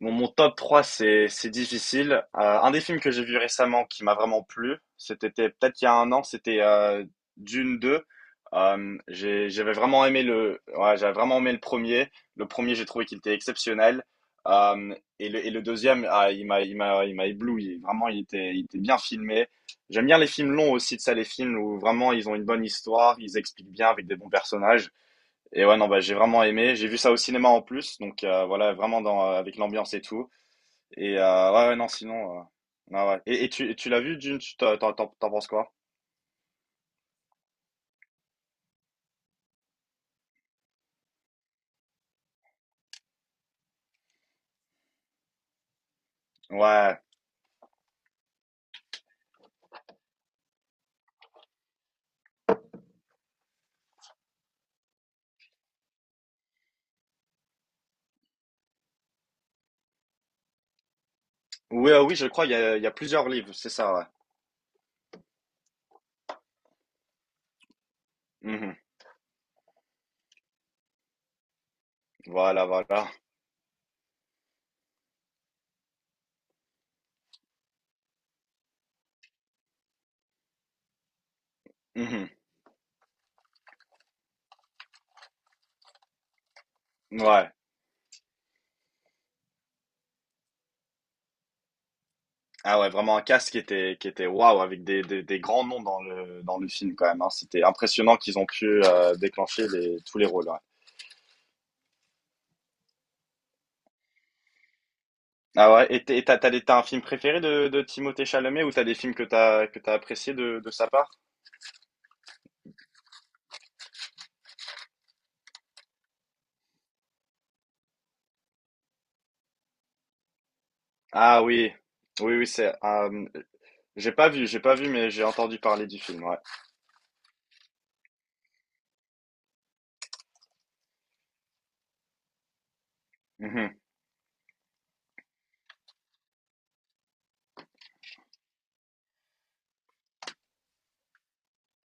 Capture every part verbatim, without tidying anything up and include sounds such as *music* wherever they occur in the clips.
Mon mon top trois c'est c'est difficile. Euh, un des films que j'ai vu récemment qui m'a vraiment plu, c'était peut-être il y a un an, c'était euh, Dune deux. Euh, j'ai- j'avais vraiment aimé le, ouais, j'avais vraiment aimé le premier. Le premier, j'ai trouvé qu'il était exceptionnel. Euh, et le, et le deuxième, ah, il m'a, il m'a, il m'a ébloui. Vraiment, il était, il était bien filmé. J'aime bien les films longs aussi, de ça, les films où vraiment ils ont une bonne histoire, ils expliquent bien avec des bons personnages. Et ouais, non, bah, j'ai vraiment aimé. J'ai vu ça au cinéma en plus, donc euh, voilà, vraiment dans, euh, avec l'ambiance et tout. Et euh, ouais, ouais, non, sinon, euh, non, ouais. Et, et tu, et tu l'as vu, Dune, tu t'en t'en- t'en- t'en penses quoi? Ouais. Oui, euh, oui, je crois, il y a, il y a plusieurs livres, c'est ça, ouais. Mhm. Voilà, voilà. Mhm. Ouais. Ah ouais, vraiment un cast qui était, qui était waouh, avec des, des, des grands noms dans le, dans le film quand même, hein. C'était impressionnant qu'ils ont pu euh, déclencher les, tous les rôles, ouais. Ah ouais, et t'es- et t'as, t'as, des- t'as un film préféré de, de Timothée Chalamet ou t'as des films que t'as, que t'as apprécié de, de sa part? Ah oui, oui, oui, c'est, euh, j'ai pas vu, j'ai pas vu, mais j'ai entendu parler du film, ouais. Mhm.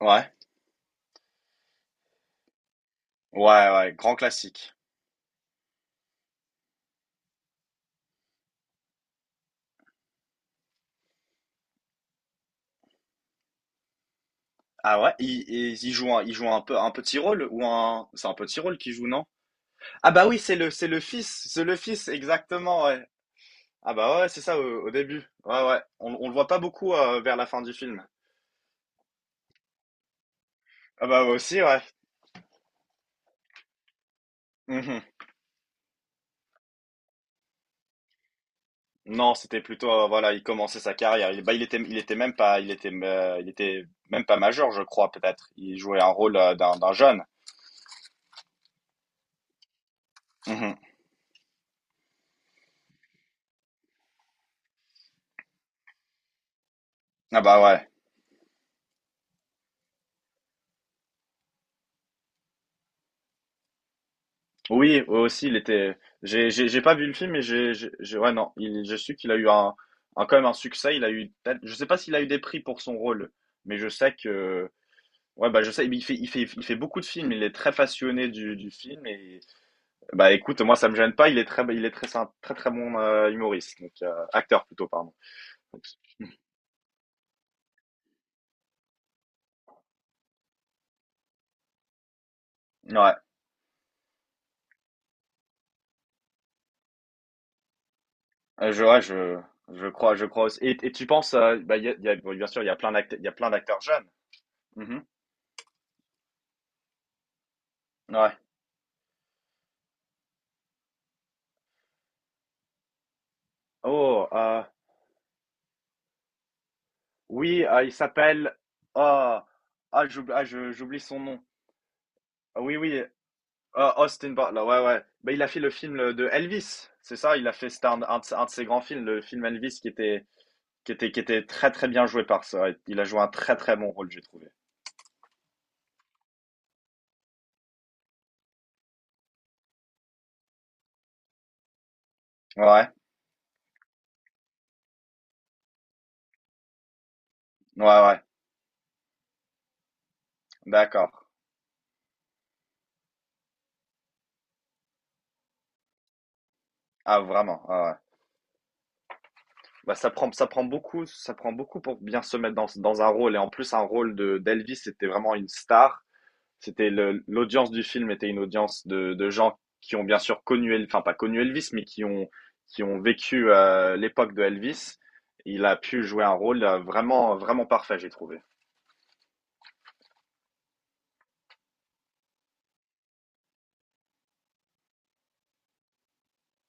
Ouais, ouais, ouais, grand classique. Ah ouais, il, il, il joue un, il joue un peu un petit rôle ou un, c'est un petit rôle qu'il joue, non? Ah bah oui, c'est le, c'est le fils, c'est le fils, exactement, ouais. Ah bah ouais, c'est ça au, au début. Ouais, ouais. On, on le voit pas beaucoup euh, vers la fin du film. Ah bah moi aussi, ouais. Mhm. Non, c'était plutôt, euh, voilà, il commençait sa carrière. Il, bah, il était, il était même pas, il était, euh, il était même pas majeur, je crois, peut-être. Il jouait un rôle euh, d'un, d'un jeune. Mhm. Ah bah ouais. Oui, eux aussi, il était. J'ai, j'ai, j'ai pas vu le film, mais j'ai, j'ai, j'ai- ouais, non, il, je sais qu'il a eu un, un, quand même un succès. Il a eu, peut-être- je sais pas s'il a eu des prix pour son rôle, mais je sais que, ouais, bah, je sais, il fait, il fait, il fait beaucoup de films. Il est très passionné du, du film et, bah, écoute, moi, ça me gêne pas. Il est très, il est très, c'est un très, très bon euh, humoriste, donc euh, acteur plutôt, pardon. Donc, *laughs* Ouais, euh, je, ouais, je, je crois, je crois aussi. Et, et tu penses, euh, bah, il y a, il y a- bon, bien sûr, il y a plein d'acteurs, il y a plein d'acteurs jeunes. Mhm. Ouais. Oh, euh, Oui, euh, il s'appelle. Ah, ah, j'oublie, ah, je- j'oublie son nom. Ah, oui, oui. Ah, Austin Butler. Ouais, ouais. Bah, il a fait le film le- de Elvis. C'est ça, il a fait. C'était un, un de ses un de ses grands films, le film Elvis, qui était, qui était, qui était très, très bien joué par ça. Il a joué un très, très bon rôle, j'ai trouvé. Ouais, ouais, ouais, ouais. D'accord. Ah, vraiment. Ah, ouais. Bah, ça prend, ça prend beaucoup, ça prend beaucoup pour bien se mettre dans, dans un rôle. Et en plus, un rôle de d'Elvis, c'était vraiment une star. C'était le- l'audience du film était une audience de, de gens qui ont bien sûr connu, El- enfin pas connu Elvis, mais qui ont qui ont vécu euh, l'époque de Elvis. Il a pu jouer un rôle euh, vraiment vraiment parfait, j'ai trouvé.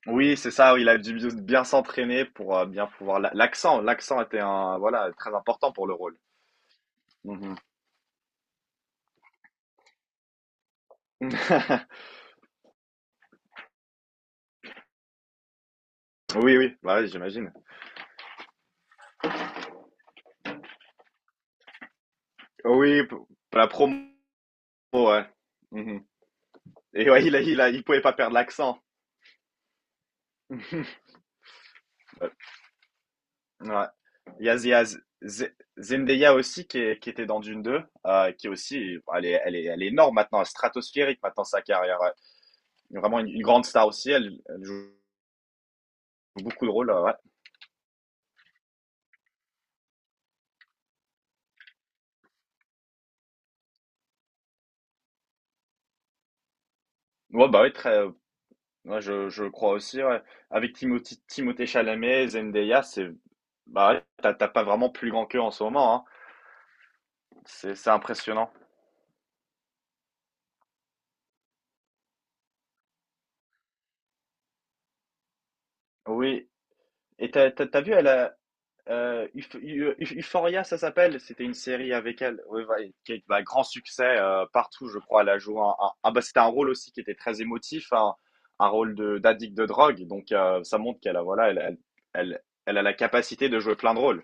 Oui, c'est ça. Il a dû bien s'entraîner pour euh, bien pouvoir la- l'accent. L'accent était un voilà très important pour le rôle. Mhm. *laughs* Oui, oui, bah ouais, j'imagine. Oui, pour pour la promo, ouais. Mhm. Et ouais, il a, il a, il pouvait pas perdre l'accent. *laughs* Ouais. Il y a, il y a Z- Z- Zendaya aussi qui, est- qui était dans Dune deux euh, qui est aussi, elle est, elle est, elle est énorme maintenant, elle est stratosphérique maintenant sa carrière, ouais. Vraiment une, une grande star aussi, elle, elle joue beaucoup de rôles, euh, ouais. Ouais, bah oui, très, euh, ouais, je, je crois aussi, ouais. Avec Timothée, Timothée Chalamet, Zendaya, c'est, bah, ouais, t'as t'as pas vraiment plus grand qu'eux en ce moment, hein. C'est, c'est impressionnant. Oui. Et t'as, t'as, t'as vu, elle, a- Euh, Euph- Eu- Eu- Euphoria, ça s'appelle. C'était une série avec elle, ouais, va- qui a eu un grand succès euh, partout, je crois. Elle a joué un, un- ah, bah, c'était un rôle aussi qui était très émotif, un, un rôle de d'addict de drogue. Donc euh, ça montre qu'elle a, voilà, elle, elle, elle, elle a la capacité de jouer plein de rôles.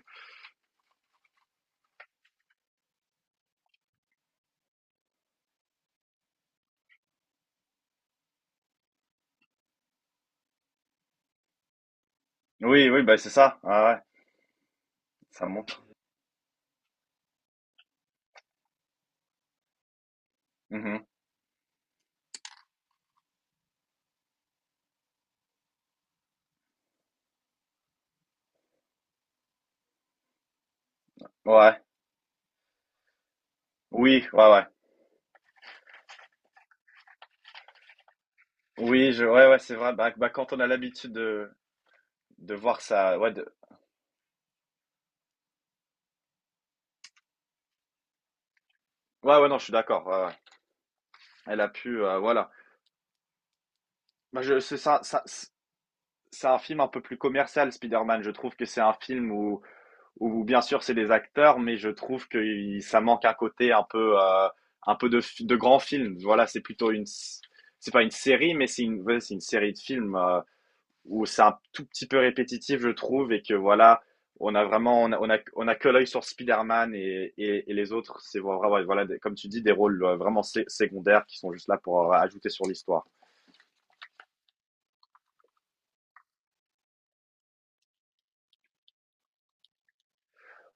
Oui, oui, bah c'est ça. Ouais, ouais, ça montre. Mhm. Ouais, oui, ouais, ouais. Oui, je, ouais, ouais, c'est vrai. Bah, bah, quand on a l'habitude de, de voir ça, ouais, de- ouais, ouais, non, je suis d'accord, ouais, ouais. Elle a pu, euh, voilà. Bah, je, c'est ça, ça, c'est un film un peu plus commercial, Spider-Man. Je trouve que c'est un film où, où bien sûr, c'est des acteurs, mais je trouve que il- ça manque un côté un peu, euh, un peu de, fi- de grand film. Voilà, c'est plutôt une, s- c'est pas une série, mais c'est une, ouais, c'est une série de films euh, où c'est un tout petit peu répétitif, je trouve, et que voilà, on a vraiment, on a, on a, on a que l'œil sur Spider-Man et, et, et les autres, c'est vraiment, voilà, des- comme tu dis, des rôles euh, vraiment sé- secondaires qui sont juste là pour euh, ajouter sur l'histoire.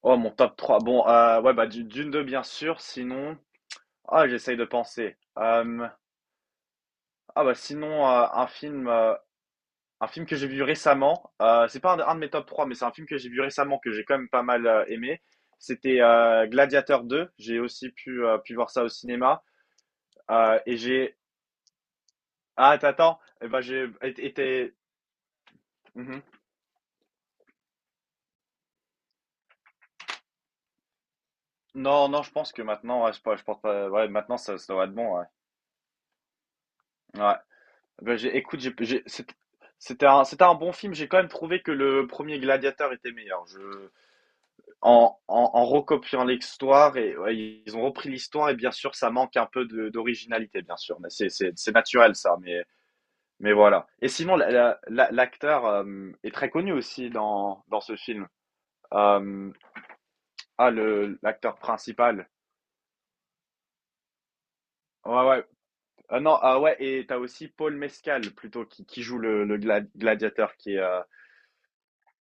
Oh, mon top trois. Bon, euh, ouais, bah, du- Dune deux, bien sûr. Sinon, ah, j'essaye de penser. Euh, ah bah sinon, euh, un film, euh, un film que j'ai vu récemment, euh, c'est pas un de, un de mes top trois mais c'est un film que j'ai vu récemment que j'ai quand même pas mal euh, aimé. C'était euh, Gladiator deux. J'ai aussi pu, euh, pu voir ça au cinéma. Euh, et j'ai. Ah, t'attends. Eh ben j'ai été, été- Mhm. Non, non, je pense que maintenant, ouais, je, pense- je pense pas. Ouais, maintenant ça, ça doit être bon. Ouais. Ouais. Ben, j'ai, écoute, j'ai, j'ai- c'était c'était un, c'était un bon film. J'ai quand même trouvé que le premier Gladiator était meilleur. Je En en en recopiant l'histoire et ouais, ils ont repris l'histoire et bien sûr ça manque un peu de d'originalité bien sûr, mais c'est c'est c'est naturel ça, mais mais voilà. Et sinon la la la l'acteur, hem, est très connu aussi dans dans ce film. Hem, ah le l'acteur principal. Ouais, ouais. Ah non, ah ouais et t'as aussi Paul Mescal plutôt qui qui joue le le gla gladiateur qui est, heu,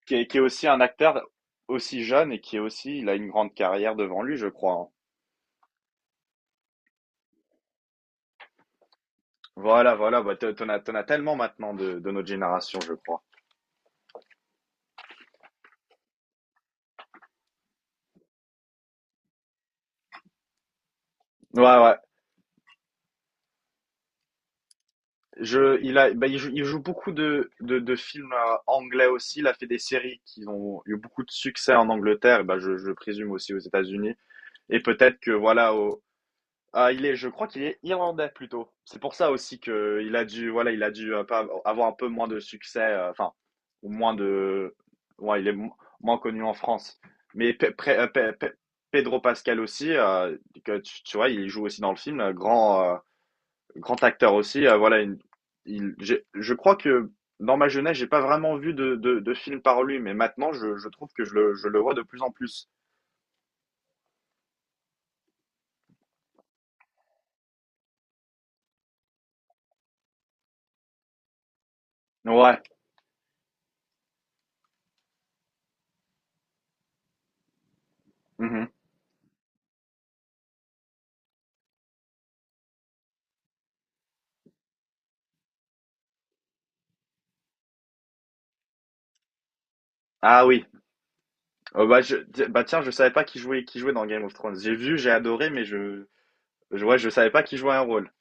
qui est qui est aussi un acteur aussi jeune et qui est aussi il a une grande carrière devant lui je crois, hein. Voilà, voilà, bah, t'en t'en as, t'en as tellement maintenant de, de notre génération, je crois. Ouais, ouais. Je, il a, bah, il joue, il joue beaucoup de, de, de films euh, anglais aussi. Il a fait des séries qui ont eu beaucoup de succès en Angleterre, bah, je, je présume aussi aux États-Unis. Et peut-être que, voilà, au, ah, il est, je crois qu'il est irlandais plutôt. C'est pour ça aussi que il a dû, voilà, il a dû euh, pas avoir un peu moins de succès, euh, enfin, ou moins de, ouais, il est mo- moins connu en France. Mais Pe- Pre- euh, Pe- Pe- Pedro Pascal aussi, euh, que tu, tu vois, il joue aussi dans le film, euh, grand, euh, grand acteur aussi, euh, voilà, une- il, j'ai- je crois que dans ma jeunesse, j'ai pas vraiment vu de, de, de film par lui, mais maintenant, je, je trouve que je le, je le vois de plus en plus. Ouais. Mhm. Ah oui. Oh, bah, je, ti- bah tiens, je savais pas qui jouait, qui jouait dans Game of Thrones. J'ai vu, j'ai adoré, mais je, je, ouais, je savais pas qui jouait un rôle.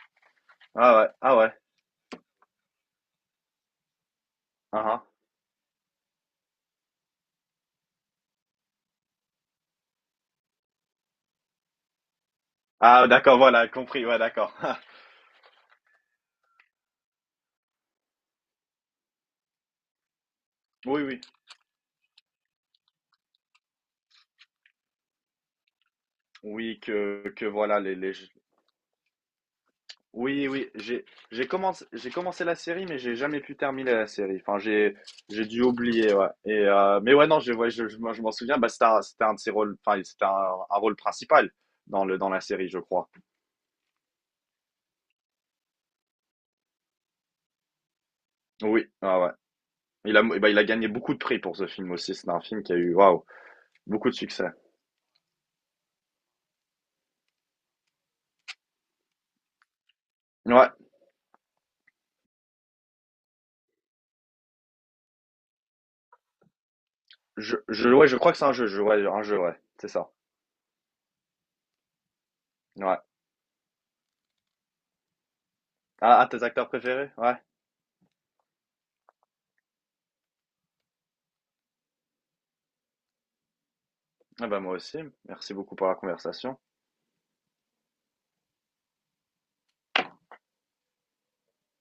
Ah ouais, ah ouais, ah ah. Ah, d'accord, voilà, compris, ouais, d'accord. *laughs* Oui, oui, oui, que, que voilà, les, les... Oui, oui, j'ai, j'ai commencé, j'ai commencé la série, mais j'ai jamais pu terminer la série. Enfin, j'ai, j'ai dû oublier, ouais. Et, euh, mais ouais, non, je, ouais, je, je, moi, je m'en souviens, bah, c'était un, c'était un de ses rôles, enfin, c'était un, un rôle principal dans le, dans la série, je crois. Oui, ouais, ouais. Il a, bah, il a gagné beaucoup de prix pour ce film aussi. C'est un film qui a eu, waouh, beaucoup de succès. Ouais, je, je, ouais, je crois que c'est un jeu, je, ouais, un jeu, ouais, c'est ça. Ouais. Ah, ah, tes acteurs préférés? Ouais. Ah bah moi aussi. Merci beaucoup pour la conversation.